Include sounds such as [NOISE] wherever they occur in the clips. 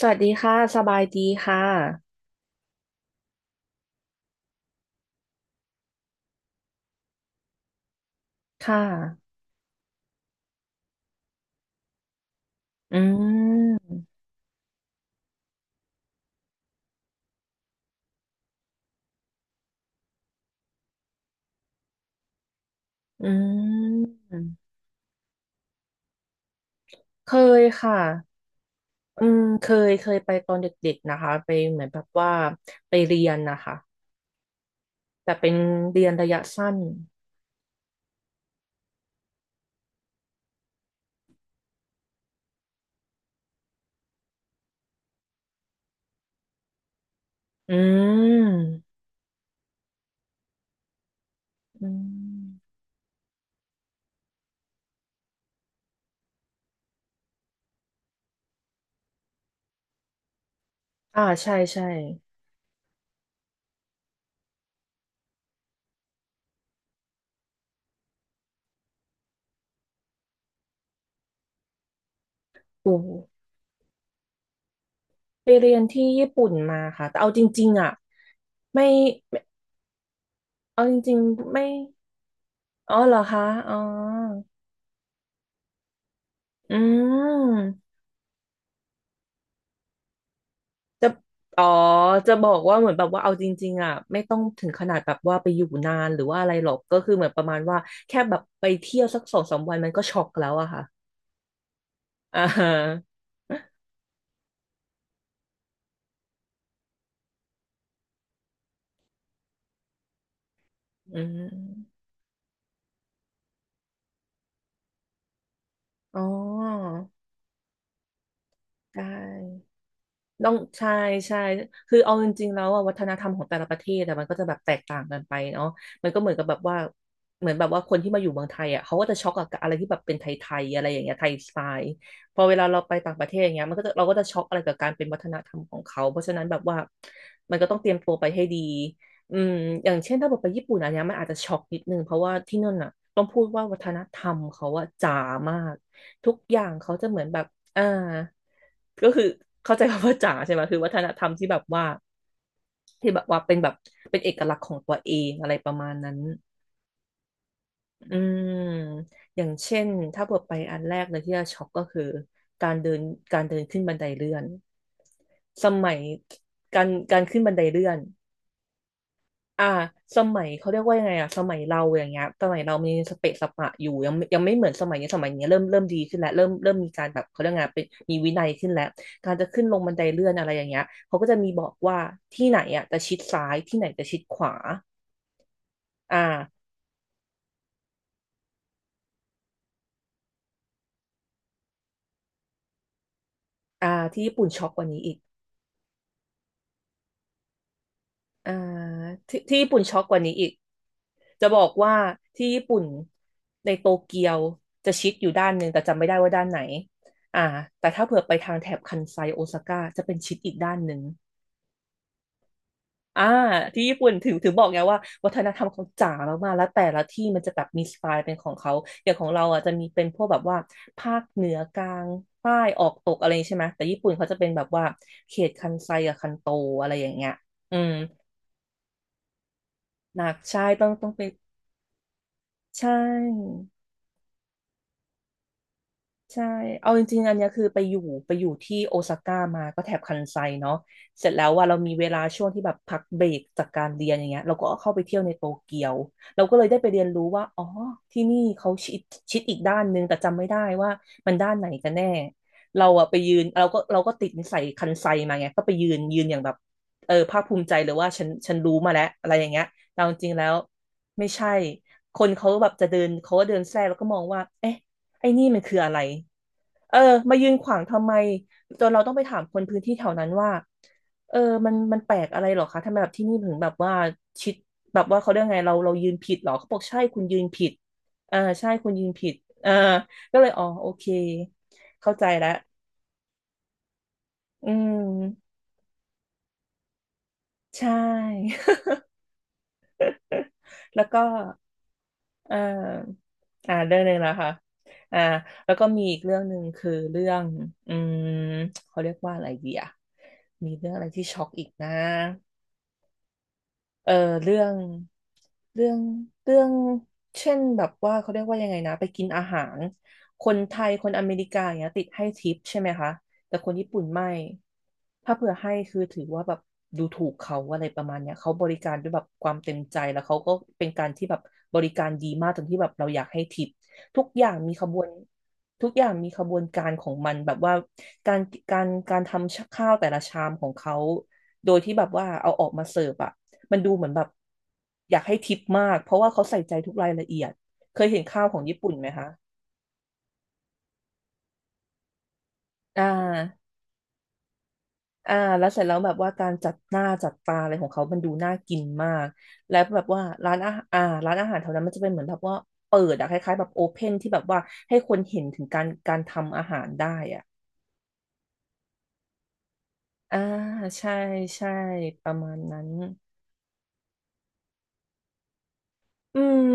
สวัสดีค่ะสบายดีค่ะค่ะอืมอืมเคยค่ะอืมเคยไปตอนเด็กๆนะคะไปเหมือนแบบว่าไปเรียนนะคะแต่เป็นเรียนระยะสั้นอืมอืมอ่าใช่ใช่โอ้ไปเรียนที่ญี่ปุ่นมาค่ะแต่เอาจริงๆอ่ะไม่ไม่เอาจริงๆไม่อ๋อเหรอคะอ๋ออืม จะอ๋อจะบอกว่าเหมือนแบบว่าเอาจริงๆอ่ะไม่ต้องถึงขนาดแบบว่าไปอยู่นานหรือว่าอะไรหรอกก็คือเหมือนประมาณว่าแค่แบบไปเที่ยวสักสองสามวันมันก็ช็อกแล้วอะค่ะอ่าฮะอืมอ๋อได้ ต้องใช่ใช่คือเอาจริงๆแล้วอะวัฒนธรรมของแต่ละประเทศแต่มันก็จะแบบแตกต่างกันไปเนาะมันก็เหมือนกับแบบว่าเหมือนแบบว่าคนที่มาอยู่เมืองไทยอ่ะเขาก็จะช็อกกับอะไรที่แบบเป็นไทยๆอะไรอย่างเงี้ยไทยสไตล์พอเวลาเราไปต่างประเทศอย่างเงี้ยมันก็จะเราก็จะช็อกอะไรกับการเป็นวัฒนธรรมของเขาเพราะฉะนั้นแบบว่ามันก็ต้องเตรียมตัวไปให้ดี อืมอย่างเช่นถ้าบอกไปญี่ปุ่นอันเนี้ยมันอาจจะช็อกนิดนึงเพราะว่าที่นั่นน่ะต้องพูดว่าวัฒนธรรมเขาอะจ๋ามากทุกอย่างเขาจะเหมือนแบบอ่าก็คือเข้าใจคำว่าจ๋าใช่ไหมคือวัฒนธรรมที่แบบว่าที่แบบว่าเป็นแบบเป็นเอกลักษณ์ของตัวเองอะไรประมาณนั้นอืมอย่างเช่นถ้าเปิดไปอันแรกเลยที่จะช็อกก็คือการเดินการเดินขึ้นบันไดเลื่อนสมัยการขึ้นบันไดเลื่อน อ่าสมัยเขาเรียกว่ายังไงอะสมัยเราอย่างเงี้ยสมัยเรามีสเปะสปะอยู่ยังไม่เหมือนสมัยนี้สมัยนี้เริ่มดีขึ้นแล้วเริ่มมีการแบบเขาเรียกไงเป็นมีวินัยขึ้นแล้วการจะขึ้นลงบันไดเลื่อนอะไรอย่างเงี้ยเขาก็จะมีบอกว่าที่ไหนอะจะชิดซ้ายที่ไหนจะชิดขวาอ่าอ่าที่ญี่ปุ่นช็อกกว่านี้อีก อ่าที่ญี่ปุ่นช็อกกว่านี้อีกจะบอกว่าที่ญี่ปุ่นในโตเกียวจะชิดอยู่ด้านหนึ่งแต่จำไม่ได้ว่าด้านไหนอ่าแต่ถ้าเผื่อไปทางแถบคันไซโอซาก้าจะเป็นชิดอีกด้านหนึ่งอ่าที่ญี่ปุ่นถึงบอกไงว่าวัฒนธรรมเขาจ๋ามากๆแล้วแต่ละที่มันจะแบบมีสไตล์เป็นของเขาอย่างของเราอ่ะจะมีเป็นพวกแบบว่าภาคเหนือกลางใต้ออกตกอะไรอย่างนี้ใช่ไหมแต่ญี่ปุ่นเขาจะเป็นแบบว่าเขตคันไซกับคันโตอะไรอย่างเงี้ยอืมหนักใช่ต้องเป็น ใช่ใช่เอาจริงๆอันเนี้ยคือไปอยู่ไปอยู่ที่โอซาก้ามาก็แถบคันไซเนาะเสร็จแล้วว่าเรามีเวลาช่วงที่แบบพักเบรกจากการเรียนอย่างเงี้ยเราก็เข้าไปเที่ยวในโตเกียวเราก็เลยได้ไปเรียนรู้ว่าอ๋อที่นี่เขาชิดชิดอีกด้านนึงแต่จำไม่ได้ว่ามันด้านไหนกันแน่เราอะไปยืนเราก็ติดนิสัยคันไซมาไงก็ไปยืนอย่างแบบเออภาคภูมิใจเลยว่าฉันรู้มาแล้วอะไรอย่างเงี้ยแต่เอาจริงๆแล้วไม่ใช่คนเขาแบบจะเดินเขาก็เดินแทรกแล้วก็มองว่าเอ๊ะ ไอ้นี่มันคืออะไร เออ มายืนขวางทำไมจนเราต้องไปถามคนพื้นที่แถวนั้นว่าเออมันแปลกอะไรเหรอคะทำไมแบบที่นี่ถึงแบบว่าชิดแบบว่าเขาเรียกไงเรายืนผิดเหรอ เขาบอกใช่คุณยืนผิดเออใช่คุณยืนผิดเออก็เลยอ๋อโอเค เข้าใจแล้วอืมใช่ [LAUGHS] แล้วก็ อ่าอ่าเรื่องหนึ่งนะคะอ่าแล้วก็มีอีกเรื่องหนึ่งคือเรื่องอืมเขาเรียกว่าอะไรดีอะมีเรื่องอะไรที่ช็อกอีกนะ เออเรื่องเรื่องเรื่องเช่นแบบว่าเขาเรียกว่ายังไงนะไปกินอาหารคนไทยคนอเมริกาอย่างเงี้ยติดให้ทิปใช่ไหมคะแต่คนญี่ปุ่นไม่ถ้าเผื่อให้คือถือว่าแบบดูถูกเขาอะไรประมาณเนี้ยเขาบริการด้วยแบบความเต็มใจแล้วเขาก็เป็นการที่แบบบริการดีมากจนที่แบบเราอยากให้ทิปทุกอย่างมีขบวนทุกอย่างมีขบวนการของมันแบบว่าการการทำข้าวแต่ละชามของเขาโดยที่แบบว่าเอาออกมาเสิร์ฟอะ มันดูเหมือนแบบอยากให้ทิปมากเพราะว่าเขาใส่ใจทุกรายละเอียดเคยเห็นข้าวของญี่ปุ่นไหมคะอ่าแล้วเสร็จแล้วแบบว่าการจัดหน้าจัดตาอะไรของเขา มันดูน่ากินมากแล้วแบบว่าร้านอาหารร้านอาหารแถวนั้นมันจะเป็นเหมือนแบบว่าเปิดอะคล้ายๆแบบโอเพนที่แบบว่าให้คนเห็นถึงการทำอาหารได้อะอ่าใช่ใช่ประมาณนั้น อืม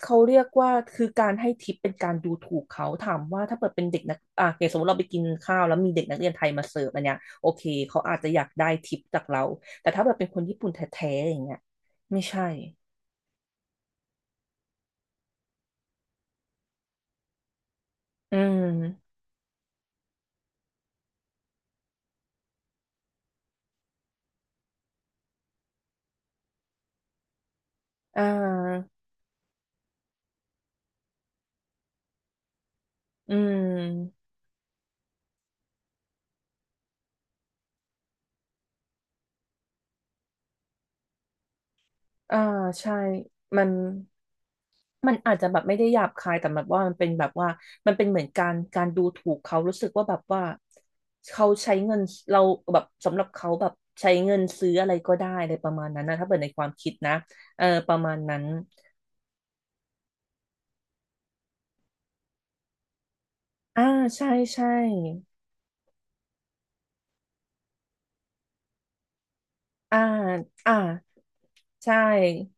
เขาเรียกว่าคือการให้ทิปเป็นการดูถูกเขาถามว่าถ้าเปิดเป็นเด็กนักอ่ะอย่างสมมติเราไปกินข้าวแล้วมีเด็กนักเรียนไทยมาเสิร์ฟอันเนี้ยโอเคเขาอาจจะอยากได้ทิปจากเราแต่ถ้าเปิดเป็นคนญี่ปุ่นแท้ๆอย่างเงี้ยไม่ใช่อืมอ่าอืมอ่าใช่มัน มันอาจจะแบบไม่ได้หยาบคายแต่แบบว่ามันเป็นแบบว่ามันเป็นเหมือนการดูถูกเขารู้สึกว่าแบบว่าเขาใช้เงินเราแบบสำหรับเขาแบบใช้เงินซื้ออะไรก็ได้อะไรประมาณนั้นนะถ้าเปิดในความคิดนะเออประมาณนั้นอ่าใช่ใช่อ่าอ่าใช่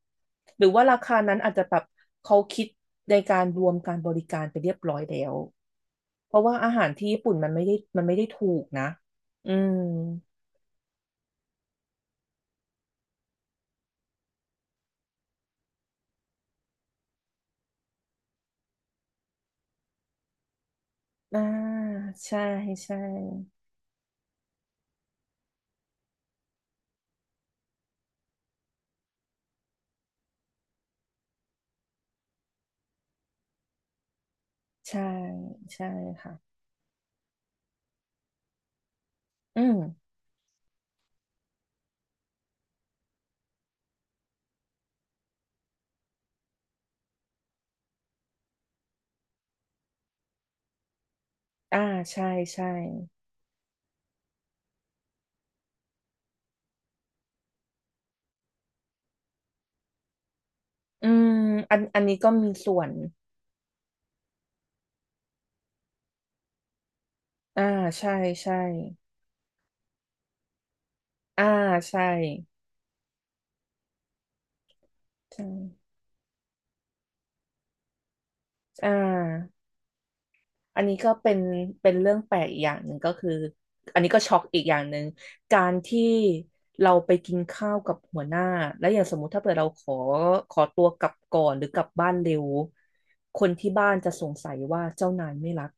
หรือว่าราคานั้นอาจจะแบบเขาคิดในการรวมการบริการไปเรียบร้อยแล้วเพราะว่าอาหารที่ญี่ปุ่นมันไม่ได้ถูกนะอืม อ่าใช่ใช่ใช่ใช่ค่ะอืมอ่าใช่ใช่อืมอันอันนี้ก็มีส่วนอ่าใช่ใช่อ่าใช่ใช่อ่าอันนี้ก็เป็นเรื่องแปลกอีกอย่างหนึ่งก็คืออันนี้ก็ช็อกอีกอย่างหนึ่งการที่เราไปกินข้าวกับหัวหน้าแล้วอย่างสมมุติถ้าเกิดเราขอตัวกลับก่อนหรือกลับบ้านเร็วคนที่บ้านจะสงสัยว่าเจ้านายไม่รัก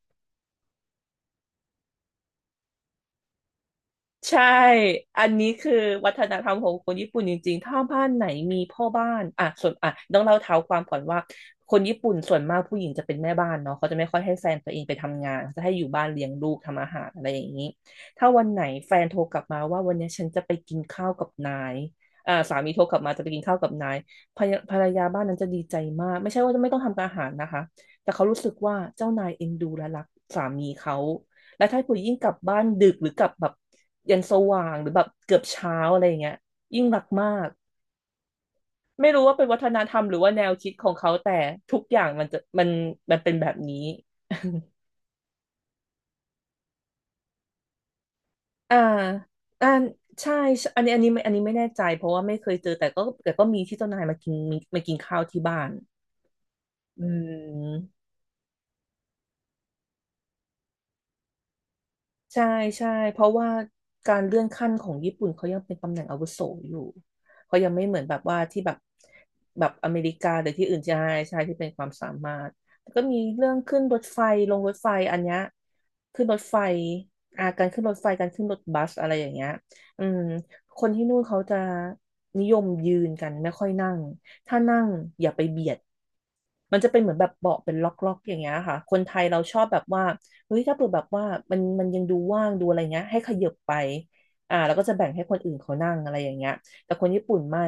ใช่ อันนี้คือวัฒนธรรมของคนญี่ปุ่นจริงๆถ้าบ้านไหนมีพ่อบ้านอ่ะส่วนอ่ะต้องเล่าเท้าความก่อนว่าคนญี่ปุ่นส่วนมากผู้หญิงจะเป็นแม่บ้านเนาะเขาจะไม่ค่อยให้แฟนตัวเองไปทำงานจะให้อยู่บ้านเลี้ยงลูกทำอาหารอะไรอย่างนี้ถ้าวันไหนแฟนโทรกลับมาว่าวันนี้ฉันจะไปกินข้าวกับนายอ่าสามีโทรกลับมาจะไปกินข้าวกับนายภรรยาบ้านนั้นจะดีใจมาก ไม่ใช่ว่าจะไม่ต้องทำอาหารนะคะแต่เขารู้สึกว่าเจ้านายเอ็นดูและรักสามีเขา แล้วถ้าคุณยิ่งกลับบ้านดึกหรือกลับแบบยันสว่างหรือแบบเกือบเช้าอะไรอย่างเงี้ยยิ่งรักมากไม่รู้ว่าเป็นวัฒนธรรมหรือว่าแนวคิดของเขาแต่ทุกอย่างมันจะมันเป็นแบบนี้ [LAUGHS] อ่าอ่าใช่ใช่อันนี้อันนี้ไม่แน่ใจเพราะว่าไม่เคยเจอแต่ก็มีที่เจ้านายมากินมากินข้าวที่บ้านอืม ใช่ใช่เพราะว่าการเลื่อนขั้นของญี่ปุ่นเขายังเป็นตำแหน่งอาวุโสอยู่เขายังไม่เหมือนแบบว่าที่แบบแบบอเมริกาหรือที่อื่นใช่ใช่ที่เป็นความสามารถแล้วก็มีเรื่องขึ้นรถไฟลงรถไฟอันเนี้ยขึ้นรถไฟอาการขึ้นรถไฟการขึ้นรถบัสอะไรอย่างเงี้ยอืมคนที่นู่นเขาจะนิยมยืนกันไม่ค่อยนั่งถ้านั่งอย่าไปเบียด มันจะเป็นเหมือนแบบเบาะเป็นล็อกๆอย่างเงี้ยค่ะคนไทยเราชอบแบบว่าเฮ้ยถ้าเปิดแบบว่ามันยังดูว่างดูอะไรเงี้ยให้ขยับไปอ่าแล้วก็จะแบ่งให้คนอื่นเขานั่งอะไรอย่างเงี้ยแต่คนญี่ปุ่นไม่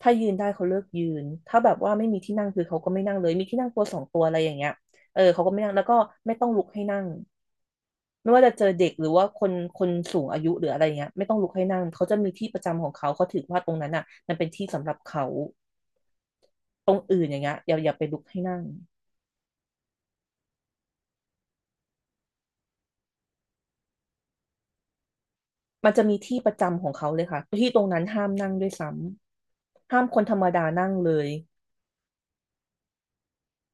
ถ้ายืนได้เขาเลือกยืนถ้าแบบว่าไม่มีที่นั่งคือเขาก็ไม่นั่งเลยมีที่นั่งตัวสองตัวอะไรอย่างเงี้ยเออเขาก็ไม่นั่งแล้วก็ไม่ต้องลุกให้นั่งไม่ว่าจะเจอเด็กหรือว่าคนสูงอายุหรืออะไรเงี้ยไม่ต้องลุกให้นั่งเขาจะมีที่ประจำของเขาเขาถือว่าตรงนั้นอ่ะมันเป็นที่สำหรับเขาตรงอื่นอย่างเงี้ยอย่าไปลุกให้นั่ง มันจะมีที่ประจำของเขาเลยค่ะที่ตรงนั้นห้ามนั่งด้วยซ้ำห้ามคนธรรมดานั่งเลย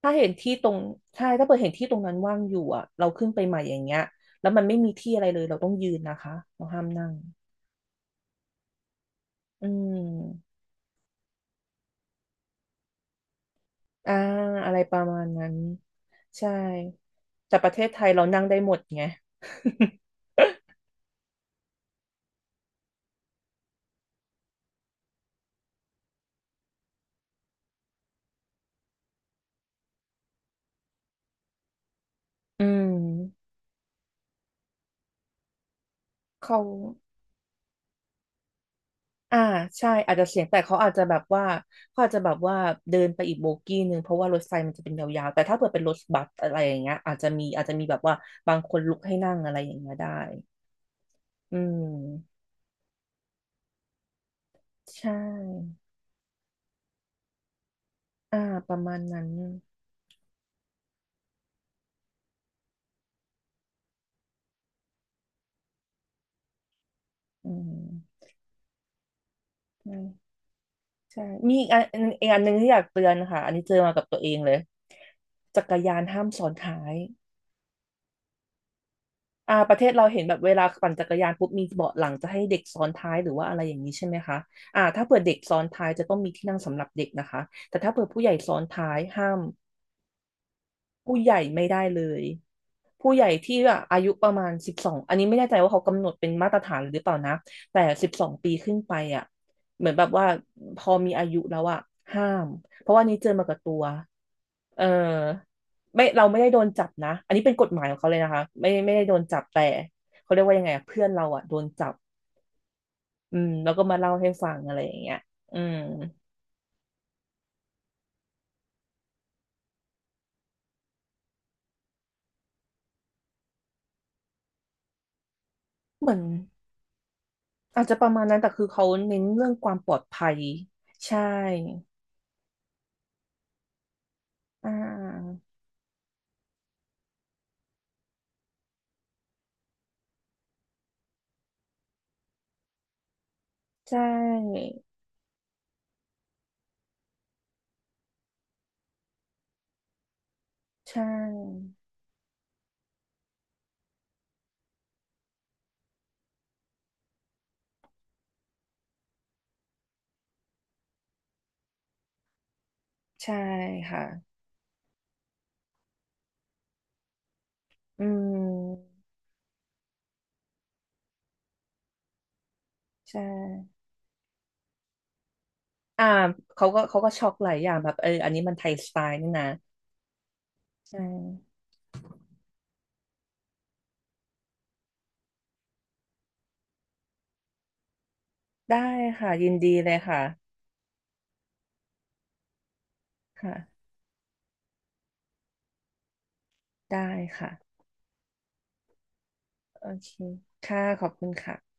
ถ้าเห็นที่ตรงใช่ถ้าเปิดเห็นที่ตรงนั้นว่างอยู่อ่ะเราขึ้นไปใหม่อย่างเงี้ยแล้วมันไม่มีที่อะไรเลยเราต้องยืนนะคะเราห้ามนั่งอืมอ่าอะไรประมาณนั้นใช่แต่ประเทศไทยเรานั่งได้หมดไง [LAUGHS] อืมเขา อ่าใช่อาจจะเสียงแต่เขาอาจจะแบบว่าเขาอาจจะแบบว่าเดินไปอีกโบกี้หนึ่งเพราะว่ารถไฟมันจะเป็นยาวๆแต่ถ้าเผื่อเป็นรถบัสอะไรอย่างเงี้ยอาจจะมีแบบว่าบางคนลุกให้นั่งอะไรอย่างเงี้ยได้อืมใช่อ่าประมาณนั้นอืมใช่ใช่มีอีกอันอีกอันหนึ่งที่อยากเตือนค่ะอันนี้เจอมากับตัวเองเลยจักรยานห้ามซ้อนท้าย ประเทศเราเห็นแบบเวลาปั่นจักรยานปุ๊บมีเบาะหลังจะให้เด็กซ้อนท้ายหรือว่าอะไรอย่างนี้ใช่ไหมคะถ้าเผื่อเด็กซ้อนท้ายจะต้องมีที่นั่งสำหรับเด็กนะคะแต่ถ้าเผื่อผู้ใหญ่ซ้อนท้ายห้าม ผู้ใหญ่ไม่ได้เลยผู้ใหญ่ที่แบบอายุประมาณสิบสองอันนี้ไม่แน่ใจว่าเขากำหนดเป็นมาตรฐานหรือเปล่านะแต่สิบสองปีขึ้นไปอ่ะเหมือนแบบว่าพอมีอายุแล้วอ่ะห้ามเพราะว่านี้เจอมากับตัวเออไม่เราไม่ได้โดนจับนะอันนี้เป็นกฎหมายของเขาเลยนะคะไม่ได้โดนจับแต่เขาเรียกว่ายังไงอะเพื่อนเราอ่ะโดนจับอืมแล้วก็มาเล่าให้ฟังอะไรอย่างเงี้ยอืมเหมือนอาจจะประมาณนั้นแต่คือเขาเน้นเรื่องความปลอดภัยใช่ อ่าใช่ใช่ใช่ค่ะอืมใช่อ่าเขาก็ช็อกหลายอย่างแบบเอออันนี้มันไทยสไตล์นี่นะใช่ได้ค่ะยินดีเลยค่ะค่ะได้ค่ะโอเคค่ะขอบคุณค่ะ